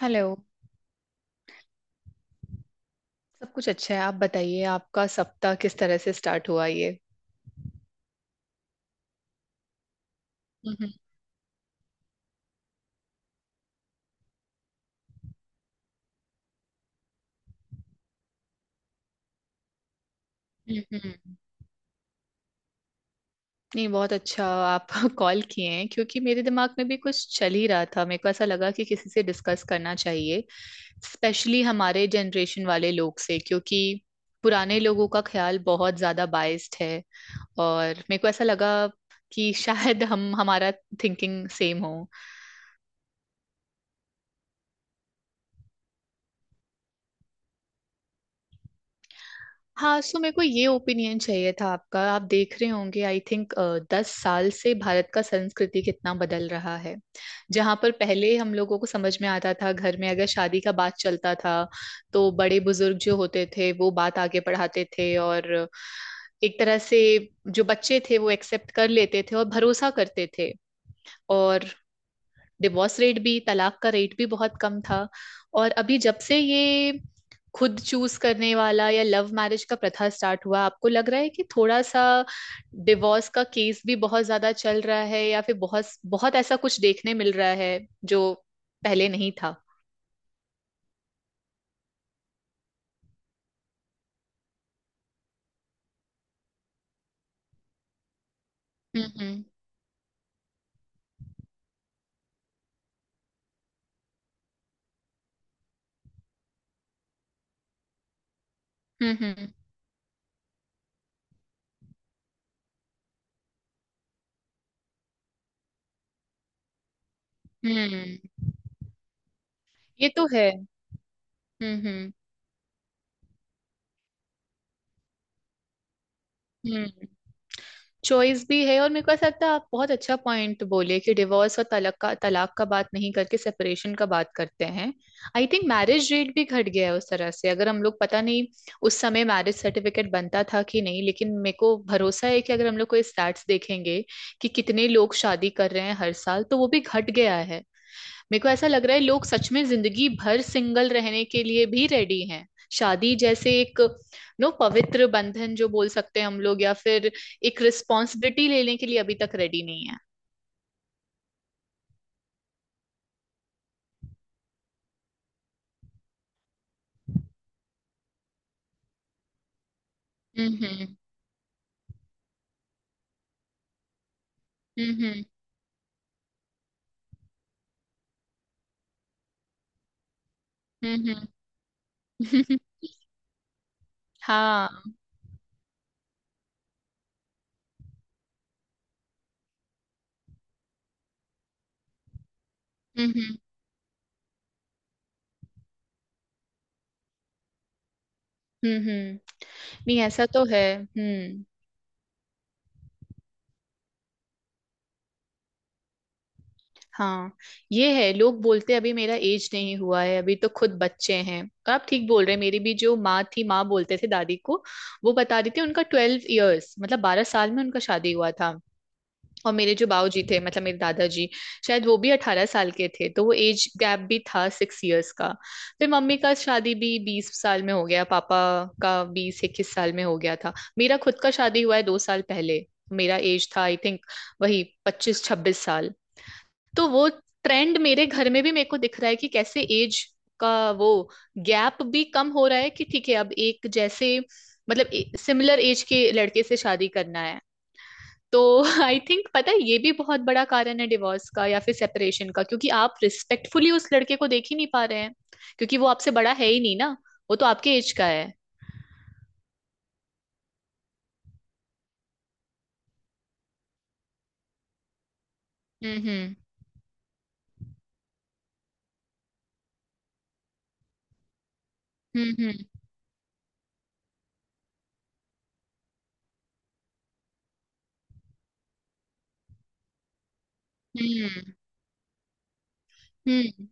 Hello. सब कुछ अच्छा है, आप बताइए आपका सप्ताह किस तरह से स्टार्ट हुआ ये? हम्म। हम्म। हम्म। नहीं बहुत अच्छा आप कॉल किए हैं, क्योंकि मेरे दिमाग में भी कुछ चल ही रहा था। मेरे को ऐसा लगा कि किसी से डिस्कस करना चाहिए, स्पेशली हमारे जनरेशन वाले लोग से। क्योंकि पुराने लोगों का ख्याल बहुत ज्यादा बाइस्ड है, और मेरे को ऐसा लगा कि शायद हम हमारा थिंकिंग सेम हो। हाँ, सो मेरे को ये ओपिनियन चाहिए था आपका। आप देख रहे होंगे आई थिंक 10 साल से भारत का संस्कृति कितना बदल रहा है। जहाँ पर पहले हम लोगों को समझ में आता था, घर में अगर शादी का बात चलता था तो बड़े बुजुर्ग जो होते थे वो बात आगे बढ़ाते थे, और एक तरह से जो बच्चे थे वो एक्सेप्ट कर लेते थे और भरोसा करते थे। और डिवोर्स रेट भी, तलाक का रेट भी बहुत कम था। और अभी जब से ये खुद चूज करने वाला या लव मैरिज का प्रथा स्टार्ट हुआ, आपको लग रहा है कि थोड़ा सा डिवोर्स का केस भी बहुत ज्यादा चल रहा है, या फिर बहुत बहुत ऐसा कुछ देखने मिल रहा है जो पहले नहीं था? हम्म। हम्म। हम्म। हम्म। ये तो है। हम्म। हम्म। हम्म। चॉइस भी है, और मेरे को ऐसा लगता है आप बहुत अच्छा पॉइंट बोले कि डिवोर्स और तलाक का बात नहीं करके सेपरेशन का बात करते हैं। आई थिंक मैरिज रेट भी घट गया है उस तरह से। अगर हम लोग, पता नहीं उस समय मैरिज सर्टिफिकेट बनता था कि नहीं, लेकिन मेरे को भरोसा है कि अगर हम लोग कोई स्टैट्स देखेंगे कि कितने लोग शादी कर रहे हैं हर साल, तो वो भी घट गया है। मेरे को ऐसा लग रहा है लोग सच में जिंदगी भर सिंगल रहने के लिए भी रेडी हैं। शादी जैसे एक, नो, पवित्र बंधन जो बोल सकते हैं हम लोग, या फिर एक रिस्पॉन्सिबिलिटी लेने के लिए अभी तक रेडी नहीं है। हम्म। हम्म। हम्म। हम्म। हाँ। हम्म। हम्म। हम्म। नहीं, ऐसा तो है। हम्म। हाँ ये है, लोग बोलते अभी मेरा एज नहीं हुआ है, अभी तो खुद बच्चे हैं। और आप ठीक बोल रहे हैं। मेरी भी जो माँ थी, माँ बोलते थे दादी को, वो बता रही थी उनका 12 इयर्स मतलब 12 साल में उनका शादी हुआ था। और मेरे जो बाऊ जी थे, मतलब मेरे दादाजी, शायद वो भी 18 साल के थे। तो वो एज गैप भी था 6 इयर्स का। फिर मम्मी का शादी भी 20 साल में हो गया, पापा का 20-21 साल में हो गया था। मेरा खुद का शादी हुआ है 2 साल पहले। मेरा एज था आई थिंक वही 25-26 साल। तो वो ट्रेंड मेरे घर में भी मेरे को दिख रहा है कि कैसे एज का वो गैप भी कम हो रहा है। कि ठीक है अब एक जैसे, मतलब सिमिलर एज के लड़के से शादी करना है। तो आई थिंक पता है ये भी बहुत बड़ा कारण है डिवोर्स का या फिर सेपरेशन का, क्योंकि आप रिस्पेक्टफुली उस लड़के को देख ही नहीं पा रहे हैं, क्योंकि वो आपसे बड़ा है ही नहीं ना, वो तो आपके एज का है। हम्म। हम्म। हम्म। हम्म। हम्म। हम्म।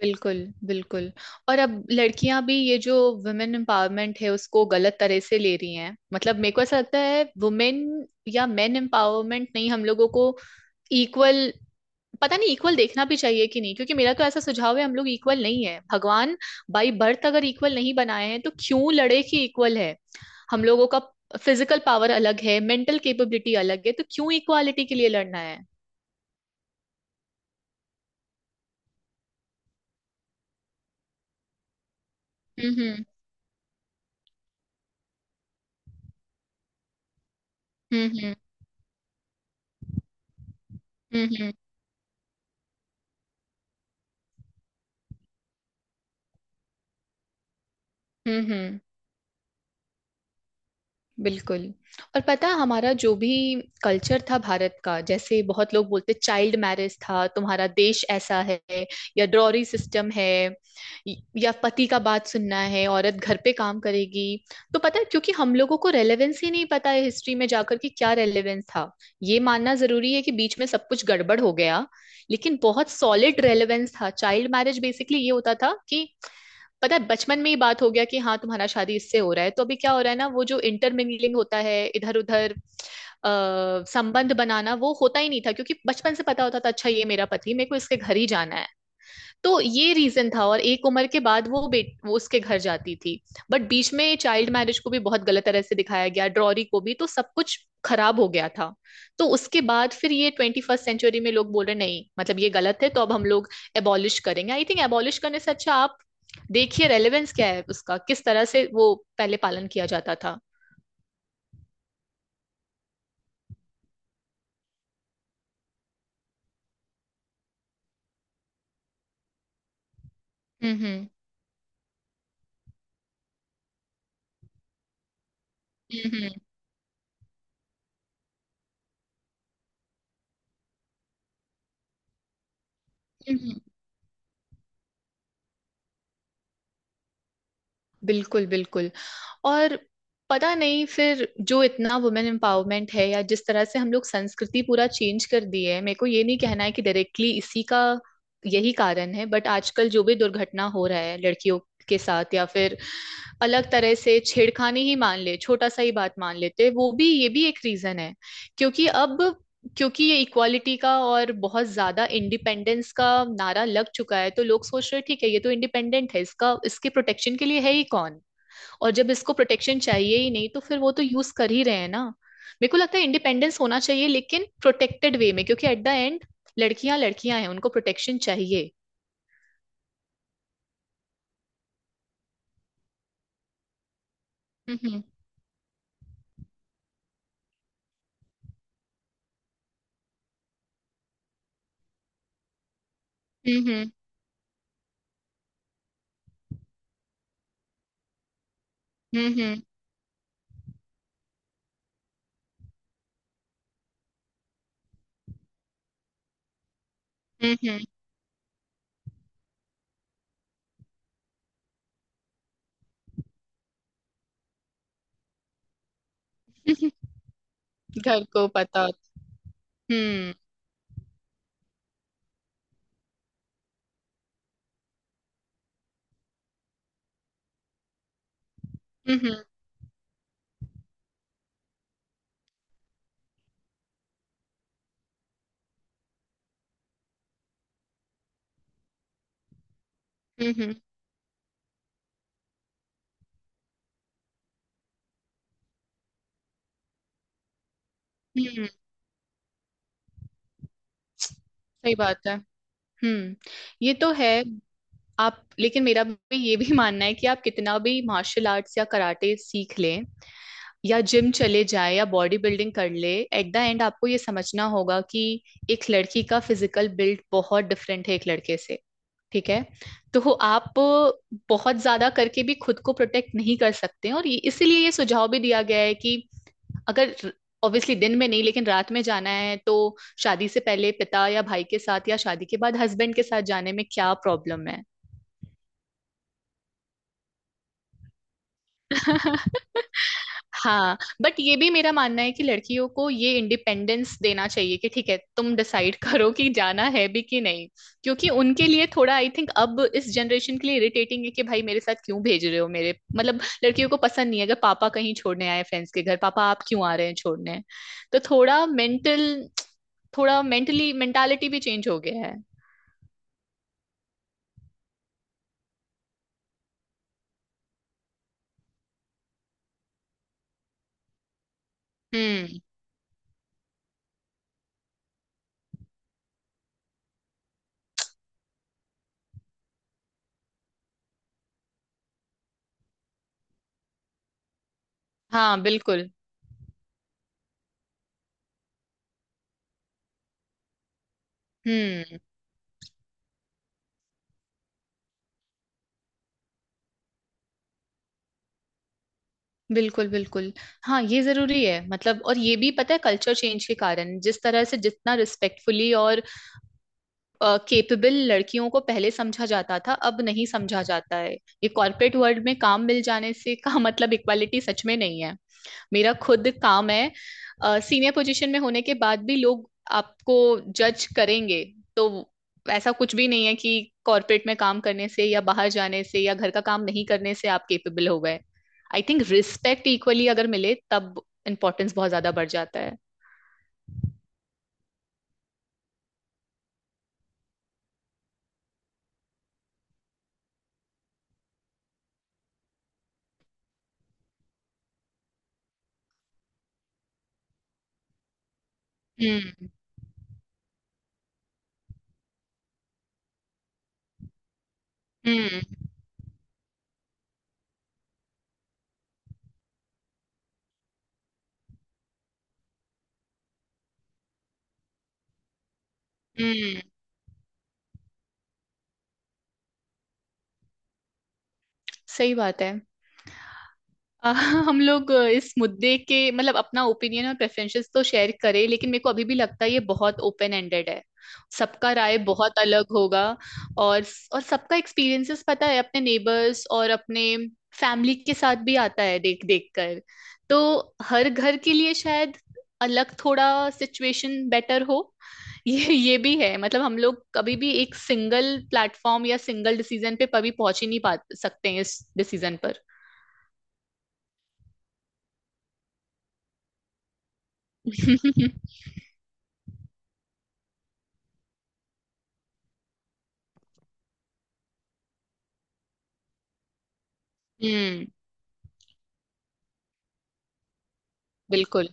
बिल्कुल बिल्कुल। और अब लड़कियां भी ये जो वुमेन एम्पावरमेंट है उसको गलत तरह से ले रही हैं, मतलब मेरे को ऐसा लगता है वुमेन या मेन एम्पावरमेंट नहीं, हम लोगों को इक्वल, पता नहीं इक्वल देखना भी चाहिए कि नहीं। क्योंकि मेरा तो ऐसा सुझाव है हम लोग इक्वल नहीं है। भगवान बाई बर्थ अगर इक्वल नहीं बनाए हैं तो क्यों लड़े कि इक्वल है। हम लोगों का फिजिकल पावर अलग है, मेंटल कैपेबिलिटी अलग है, तो क्यों इक्वालिटी के लिए लड़ना है? हम्म। हम्म। हम्म। हम्म। हम्म। हम्म। हम्म। बिल्कुल। और पता है, हमारा जो भी कल्चर था भारत का, जैसे बहुत लोग बोलते चाइल्ड मैरिज था तुम्हारा देश ऐसा है, या ड्रॉरी सिस्टम है, या पति का बात सुनना है, औरत घर पे काम करेगी। तो पता है क्योंकि हम लोगों को रेलेवेंस ही नहीं पता है हिस्ट्री में जाकर कि क्या रेलेवेंस था। ये मानना जरूरी है कि बीच में सब कुछ गड़बड़ हो गया, लेकिन बहुत सॉलिड रेलेवेंस था। चाइल्ड मैरिज बेसिकली ये होता था कि, पता है, बचपन में ही बात हो गया कि हाँ तुम्हारा शादी इससे हो रहा है। तो अभी क्या हो रहा है ना, वो जो इंटरमिंगलिंग होता है इधर उधर, संबंध बनाना, वो होता ही नहीं था, क्योंकि बचपन से पता होता था अच्छा ये मेरा पति, मेरे को इसके घर ही जाना है। तो ये रीजन था, और एक उम्र के बाद वो बेट वो उसके घर जाती थी। बट बीच में चाइल्ड मैरिज को भी बहुत गलत तरह से दिखाया गया, ड्रॉरी को भी, तो सब कुछ खराब हो गया था। तो उसके बाद फिर ये 21st सेंचुरी में लोग बोल रहे नहीं मतलब ये गलत है, तो अब हम लोग एबॉलिश करेंगे। आई थिंक एबॉलिश करने से अच्छा आप देखिए रेलेवेंस क्या है उसका, किस तरह से वो पहले पालन किया जाता था। हम्म। हम्म। हम्म। हम्म। बिल्कुल बिल्कुल। और पता नहीं फिर जो इतना वुमेन एम्पावरमेंट है या जिस तरह से हम लोग संस्कृति पूरा चेंज कर दी है, मेरे को ये नहीं कहना है कि डायरेक्टली इसी का यही कारण है, बट आजकल जो भी दुर्घटना हो रहा है लड़कियों के साथ या फिर अलग तरह से छेड़खानी ही मान ले, छोटा सा ही बात मान लेते हैं, वो भी ये भी एक रीजन है। क्योंकि अब, क्योंकि ये इक्वालिटी का और बहुत ज्यादा इंडिपेंडेंस का नारा लग चुका है, तो लोग सोच रहे हैं ठीक है ये तो इंडिपेंडेंट है, इसका इसके प्रोटेक्शन के लिए है ही कौन। और जब इसको प्रोटेक्शन चाहिए ही नहीं तो फिर वो तो यूज कर ही रहे हैं ना। मेरे को लगता है इंडिपेंडेंस होना चाहिए लेकिन प्रोटेक्टेड वे में, क्योंकि एट द एंड लड़कियां लड़कियां हैं, उनको प्रोटेक्शन चाहिए। हम्म। हम्म। हम्म। हम्म। हम्म। घर को पता होता। हम्म। हम्म। हम्म। हम्म। सही बात है। हम्म। ये तो है। आप, लेकिन मेरा भी ये भी मानना है कि आप कितना भी मार्शल आर्ट्स या कराटे सीख लें, या जिम चले जाए, या बॉडी बिल्डिंग कर ले, एट द एंड आपको ये समझना होगा कि एक लड़की का फिजिकल बिल्ड बहुत डिफरेंट है एक लड़के से। ठीक है, तो आप बहुत ज्यादा करके भी खुद को प्रोटेक्ट नहीं कर सकते हैं। और इसीलिए ये सुझाव भी दिया गया है कि अगर ऑब्वियसली दिन में नहीं, लेकिन रात में जाना है, तो शादी से पहले पिता या भाई के साथ, या शादी के बाद हस्बैंड के साथ जाने में क्या प्रॉब्लम है? हाँ। बट ये भी मेरा मानना है कि लड़कियों को ये इंडिपेंडेंस देना चाहिए कि ठीक है तुम डिसाइड करो कि जाना है भी कि नहीं। क्योंकि उनके लिए थोड़ा आई थिंक अब इस जनरेशन के लिए इरिटेटिंग है कि भाई मेरे साथ क्यों भेज रहे हो मेरे मतलब लड़कियों को पसंद नहीं है अगर पापा कहीं छोड़ने आए फ्रेंड्स के घर, पापा आप क्यों आ रहे हैं छोड़ने। तो थोड़ा मेंटली मेंटालिटी भी चेंज हो गया है। हम्म। हाँ बिल्कुल। हम्म। बिल्कुल बिल्कुल। हाँ ये जरूरी है मतलब। और ये भी पता है कल्चर चेंज के कारण जिस तरह से जितना रिस्पेक्टफुली और केपेबल लड़कियों को पहले समझा जाता था अब नहीं समझा जाता है, ये कॉर्पोरेट वर्ल्ड में काम मिल जाने से का मतलब इक्वालिटी सच में नहीं है। मेरा खुद काम है, सीनियर पोजीशन में होने के बाद भी लोग आपको जज करेंगे। तो ऐसा कुछ भी नहीं है कि कॉर्पोरेट में काम करने से या बाहर जाने से या घर का काम नहीं करने से आप केपेबल हो गए। आई थिंक रिस्पेक्ट इक्वली अगर मिले तब इम्पोर्टेंस बहुत ज्यादा बढ़ जाता है। हम्म। हम्म। हम्म। सही बात है। अ, हम लोग इस मुद्दे के मतलब अपना ओपिनियन और प्रेफरेंसेस तो शेयर करें, लेकिन मेरे को अभी भी लगता है ये बहुत ओपन एंडेड है। सबका राय बहुत अलग होगा। और और सबका एक्सपीरियंसेस पता है अपने नेबर्स और अपने फैमिली के साथ भी आता है देख देख कर। तो हर घर के लिए शायद अलग थोड़ा सिचुएशन बेटर हो। ये भी है मतलब हम लोग कभी भी एक सिंगल प्लेटफॉर्म या सिंगल डिसीजन पे कभी पहुंच ही नहीं पा सकते हैं इस डिसीजन पर। हम्म। बिल्कुल।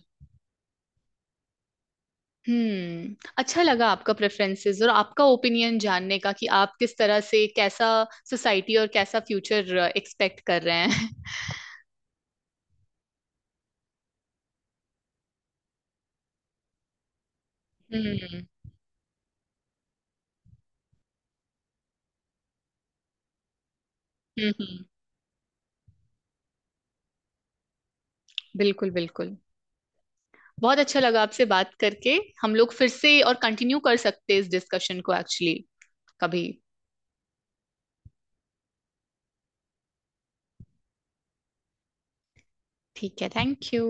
अच्छा लगा आपका प्रेफरेंसेस और आपका ओपिनियन जानने का कि आप किस तरह से कैसा सोसाइटी और कैसा फ्यूचर एक्सपेक्ट कर रहे हैं। हम्म। हम्म। बिल्कुल बिल्कुल। बहुत अच्छा लगा आपसे बात करके। हम लोग फिर से और कंटिन्यू कर सकते हैं इस डिस्कशन को एक्चुअली कभी। ठीक है। Thank you.